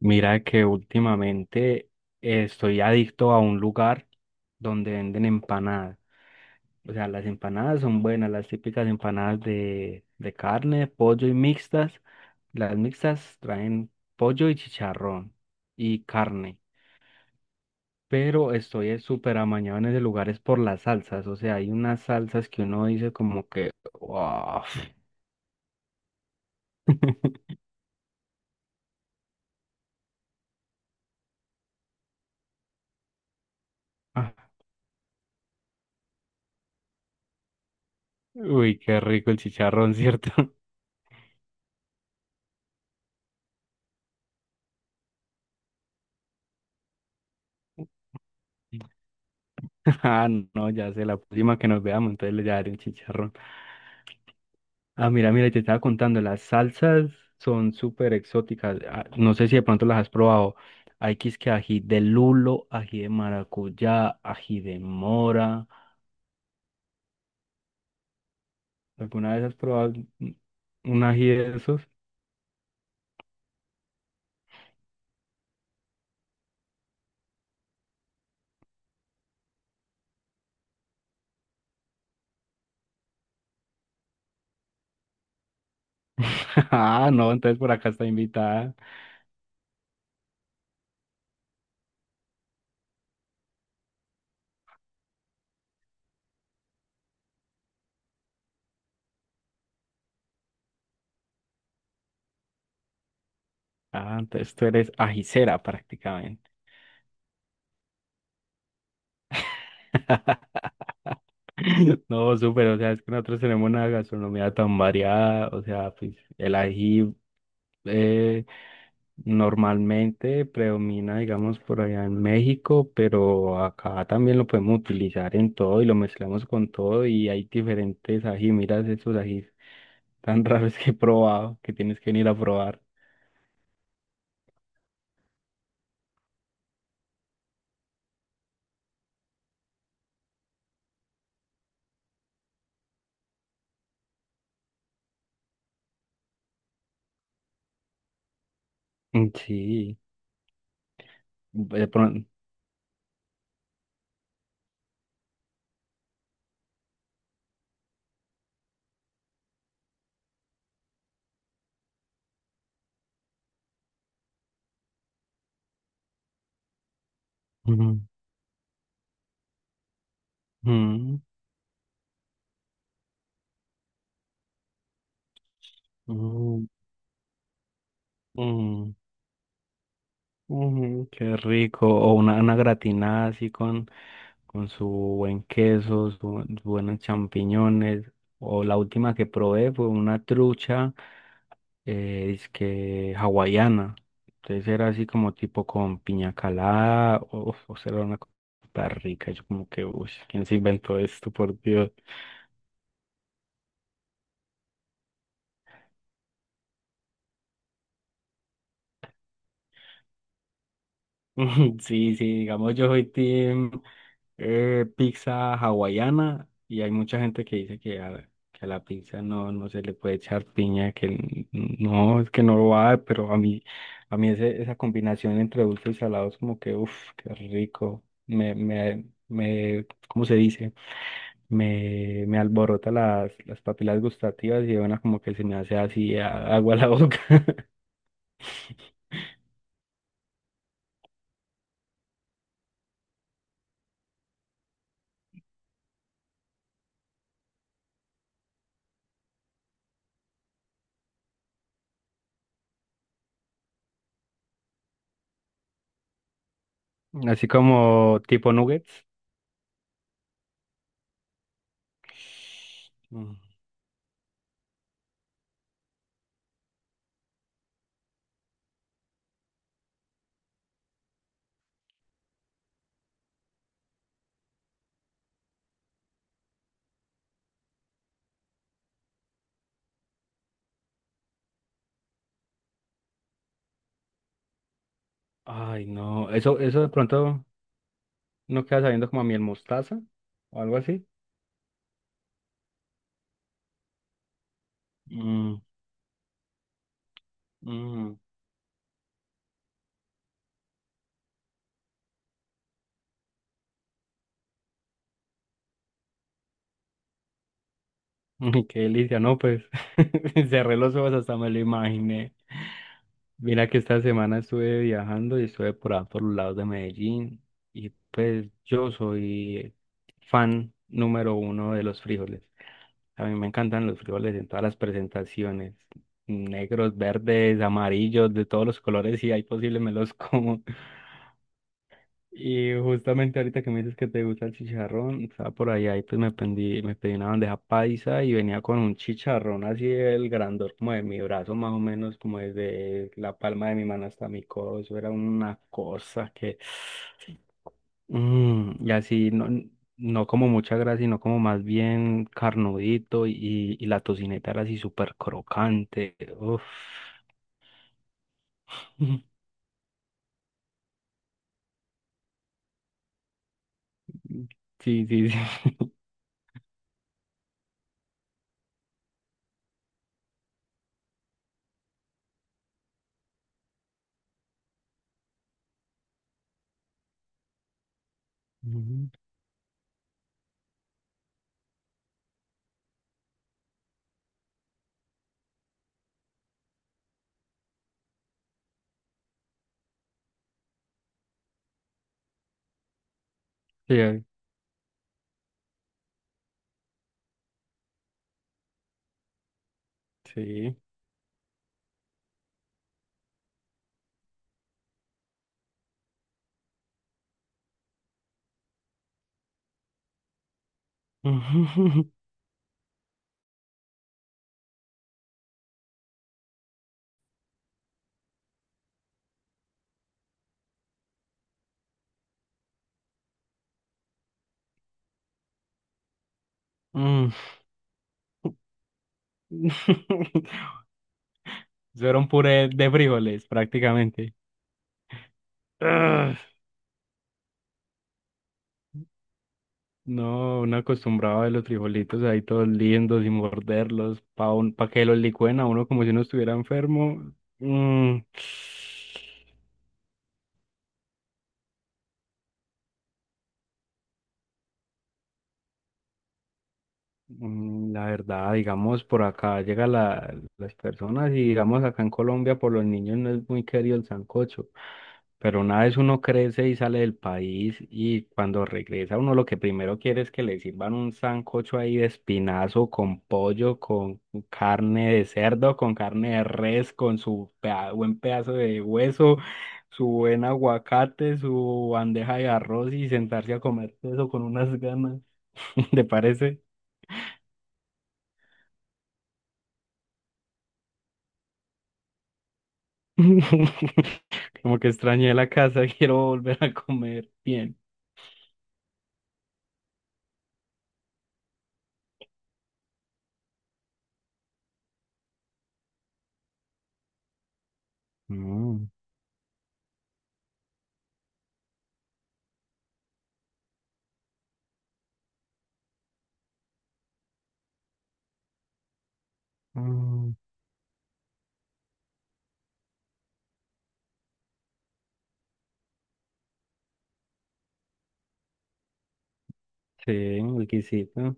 Mira que últimamente estoy adicto a un lugar donde venden empanadas. O sea, las empanadas son buenas, las típicas empanadas de carne, pollo y mixtas. Las mixtas traen pollo y chicharrón y carne. Pero estoy súper amañado en ese lugar es por las salsas. O sea, hay unas salsas que uno dice como que, wow. Ah, Uy, qué rico el chicharrón, ¿cierto? Ah, no, ya sé, la próxima que nos veamos, entonces le daré un chicharrón. Ah, mira, mira, y te estaba contando, las salsas son súper exóticas. No sé si de pronto las has probado. Hay que es que ají de lulo, ají de maracuyá, ají de mora. ¿Alguna vez has probado un un ají de esos? Ah, no, entonces por acá está invitada. Ah, entonces tú eres ajicera prácticamente. No, súper, o sea, es que nosotros tenemos una gastronomía tan variada, o sea, pues el ají eh, normalmente predomina, digamos, por allá en México, pero acá también lo podemos utilizar en todo y lo mezclamos con todo y hay diferentes ají, miras esos ajís tan raros que he probado, que tienes que venir a probar. Mm, sí, de pronto. Mm, mm, mm, mm. Mm, qué rico. O una gratinada así con su buen queso, sus buenos champiñones. O la última que probé fue una trucha que hawaiana. Entonces era así como tipo con piña calada. O sea, era una cosa súper rica. Yo como que, uy, ¿quién se inventó esto, por Dios? Sí, sí, digamos, yo soy team. Pizza hawaiana y hay mucha gente que dice que a la pizza no, no se le puede echar piña, que no, es que no lo va, pero a mí esa combinación entre dulce y salado es como que, uff, qué rico, me, ¿cómo se dice? Me alborota las papilas gustativas y bueno, como que se me hace así agua a la boca, así como tipo nuggets. Mm. Ay, no, eso de pronto... No queda sabiendo como a miel mostaza o algo así. Mm, mm, qué delicia, ¿no? Pues cerré los ojos hasta me lo imaginé. Mira que esta semana estuve viajando y estuve por ahí por los lados de Medellín y pues yo soy fan número uno de los frijoles. A mí me encantan los frijoles en todas las presentaciones, negros, verdes, amarillos, de todos los colores, si hay posible me los como. Y justamente ahorita que me dices que te gusta el chicharrón, estaba por allá y pues me pedí una bandeja paisa y venía con un chicharrón así el grandor como de mi brazo más o menos, como desde la palma de mi mano hasta mi codo, eso era una cosa que... Mm, y así, no, no como mucha grasa, sino como más bien carnudito y la tocineta era así súper crocante. Uf. Sí, sí, sí. Ujú. Sí, sí. Mm. Eso era un puré de frijoles, prácticamente. Ugh. No, uno acostumbraba a los frijolitos ahí todos lindos y morderlos para que los licuen a uno como si uno estuviera enfermo. Mm. Mm, la verdad, digamos, por acá llegan las personas y digamos acá en Colombia por los niños no es muy querido el sancocho, pero una vez uno crece y sale del país y cuando regresa uno lo que primero quiere es que le sirvan un sancocho ahí de espinazo con pollo, con carne de cerdo, con carne de res, con su buen pedazo de hueso, su buen aguacate, su bandeja de arroz y sentarse a comer eso con unas ganas, ¿te parece? Como que extrañé la casa, quiero volver a comer bien. Mm, mm. Sí, un exquisito.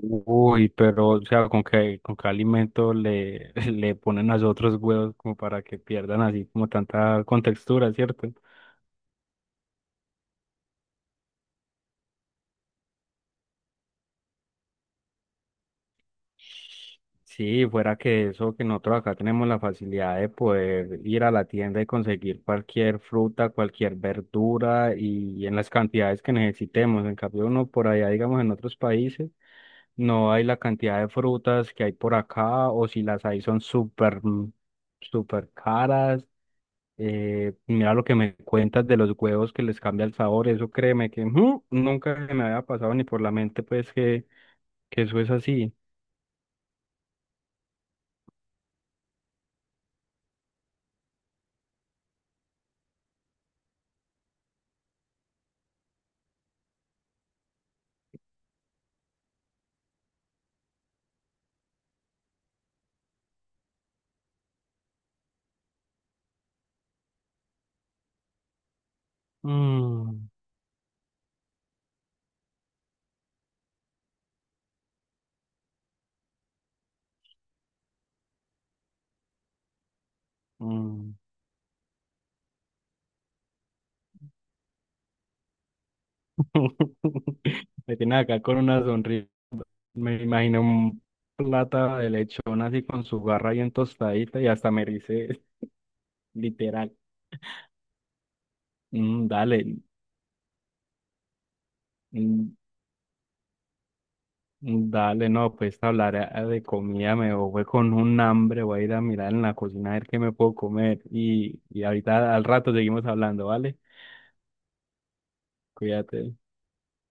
Uy, pero, o sea, con qué alimento le, le ponen a los otros huevos como para que pierdan así como tanta contextura, ¿cierto? Sí, fuera que eso, que nosotros acá tenemos la facilidad de poder ir a la tienda y conseguir cualquier fruta, cualquier verdura y en las cantidades que necesitemos. En cambio, uno por allá, digamos, en otros países, no hay la cantidad de frutas que hay por acá o si las hay son súper, mm, súper caras. Mira lo que me cuentas de los huevos que les cambia el sabor, eso créeme que mm, nunca se me había pasado ni por la mente, pues que eso es así. Mm. Mm. Me tiene acá con una sonrisa. Me imagino un plata de lechón así con su garra bien tostadita y hasta me dice literal. Mm, dale, mm, mm, dale, no, pues hablar de comida, me voy con un hambre, voy a ir a mirar en la cocina a ver qué me puedo comer. Y ahorita al rato seguimos hablando, ¿vale? Cuídate.